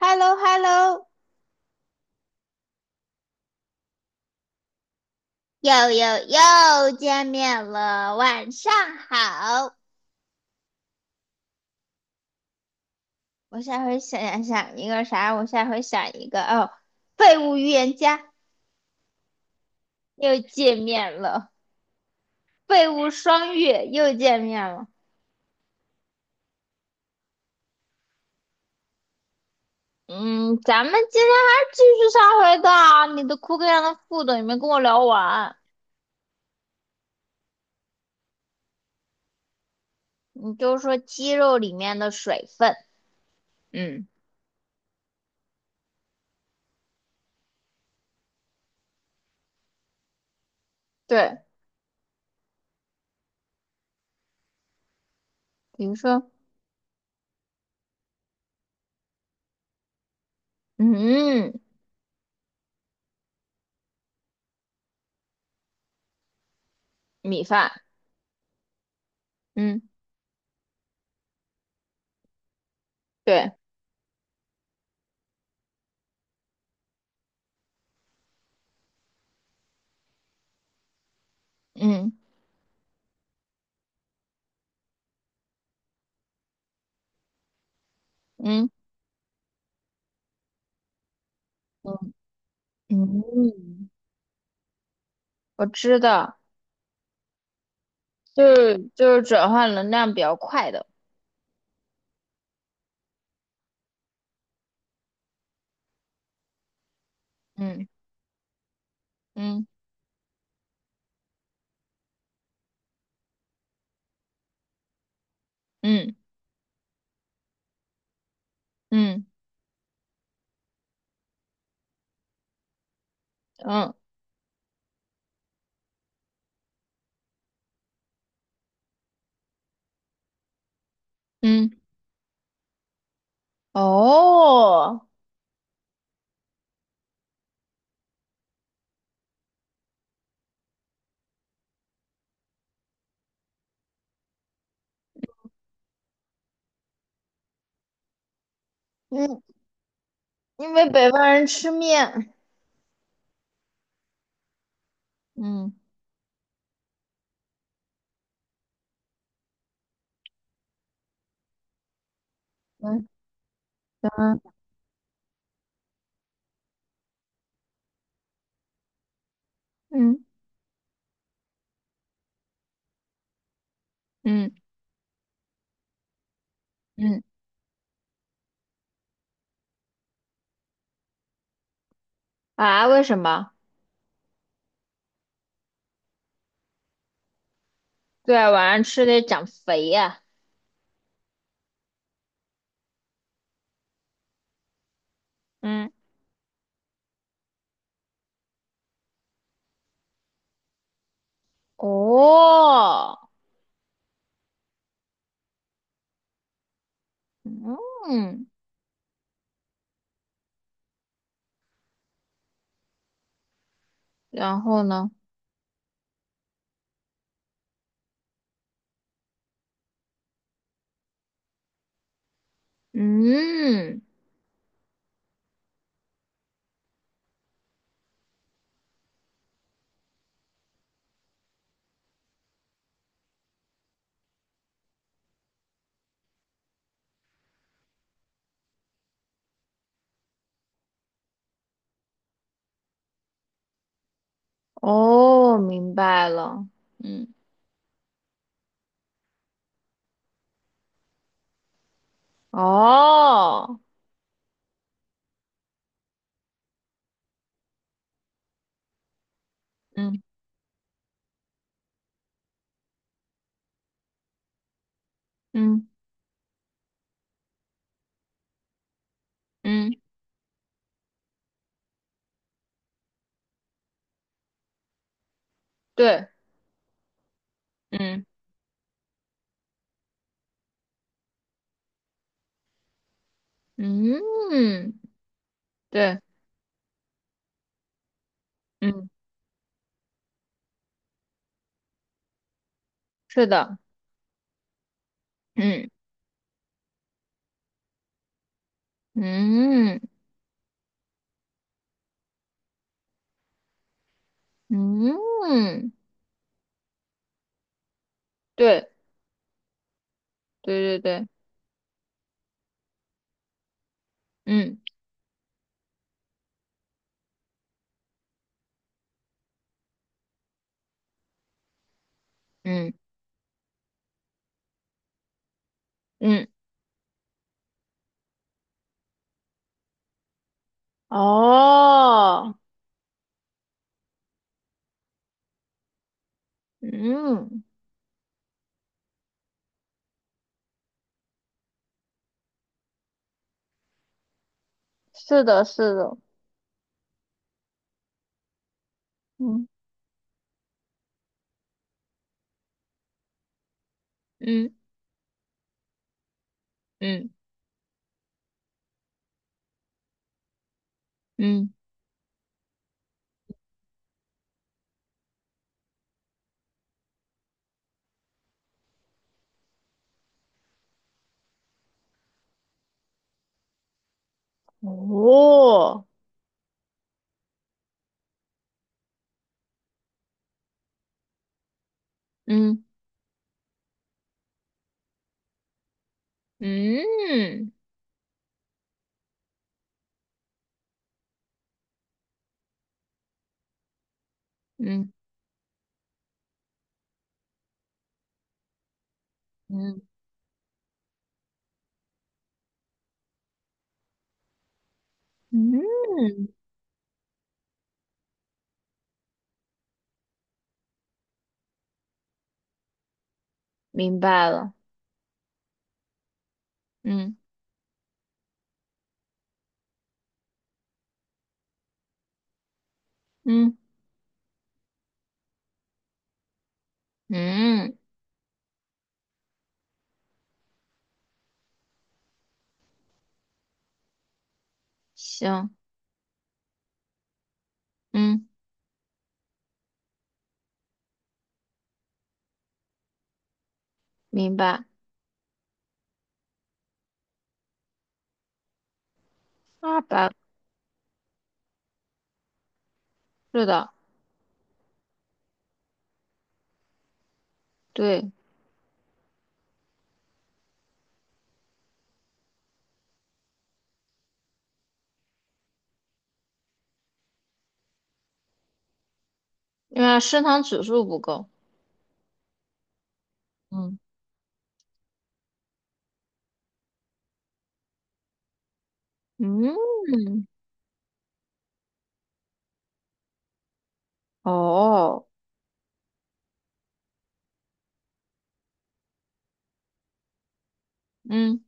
h e l l o h e l l o 又见面了，晚上好。我下回想一个啥？我下回想一个哦，废物预言家又见面了，废物双月又见面了。嗯，咱们今天还是继续上回的啊你的库克上的副总你没跟我聊完，你就说鸡肉里面的水分，嗯，对，比如说，嗯，米饭，嗯，对，嗯嗯嗯嗯，我知道，就是转换能量比较快的，嗯嗯嗯嗯嗯嗯，哦，嗯，因为北方人吃面，嗯嗯嗯嗯嗯嗯，啊，为什么？对啊，晚上吃得长肥呀、嗯，哦，嗯，然后呢？嗯，哦，明白了，嗯，哦。嗯。嗯嗯，对，嗯嗯，对，嗯，是的，嗯嗯嗯，对对对对，嗯嗯嗯，哦，嗯，是的，是的，嗯嗯嗯嗯，哦，嗯嗯嗯嗯嗯，明白了，嗯嗯嗯，行，嗯，明白。啊，拜。是的，对，因为升糖指数不够。嗯，嗯，哦，嗯，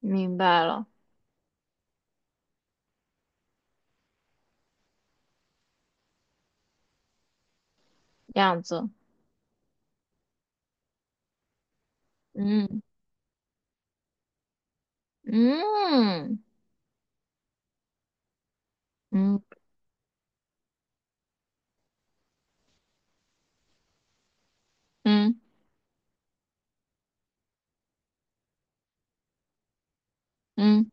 明白了，样子，嗯嗯嗯嗯嗯，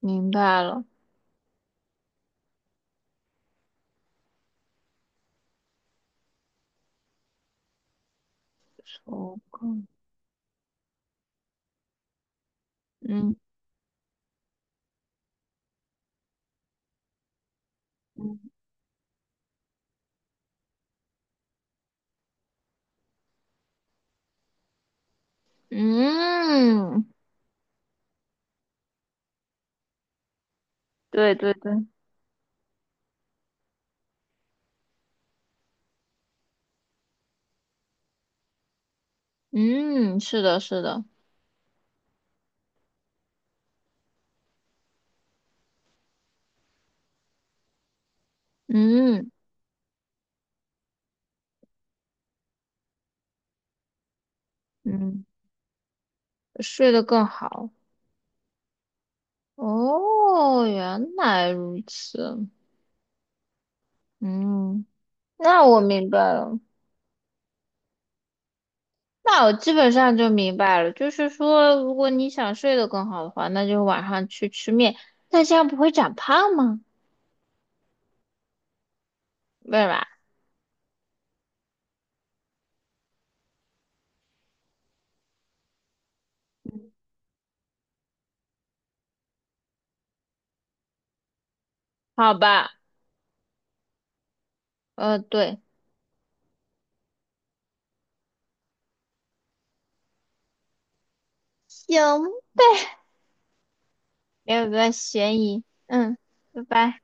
明白了，手控嗯嗯嗯，对对对，嗯，是的，是的，嗯嗯，睡得更好。哦，原来如此，嗯，那我明白了，那我基本上就明白了，就是说，如果你想睡得更好的话，那就晚上去吃面，那这样不会长胖吗？对吧？好吧，对，行，没有个嫌疑，嗯，拜拜。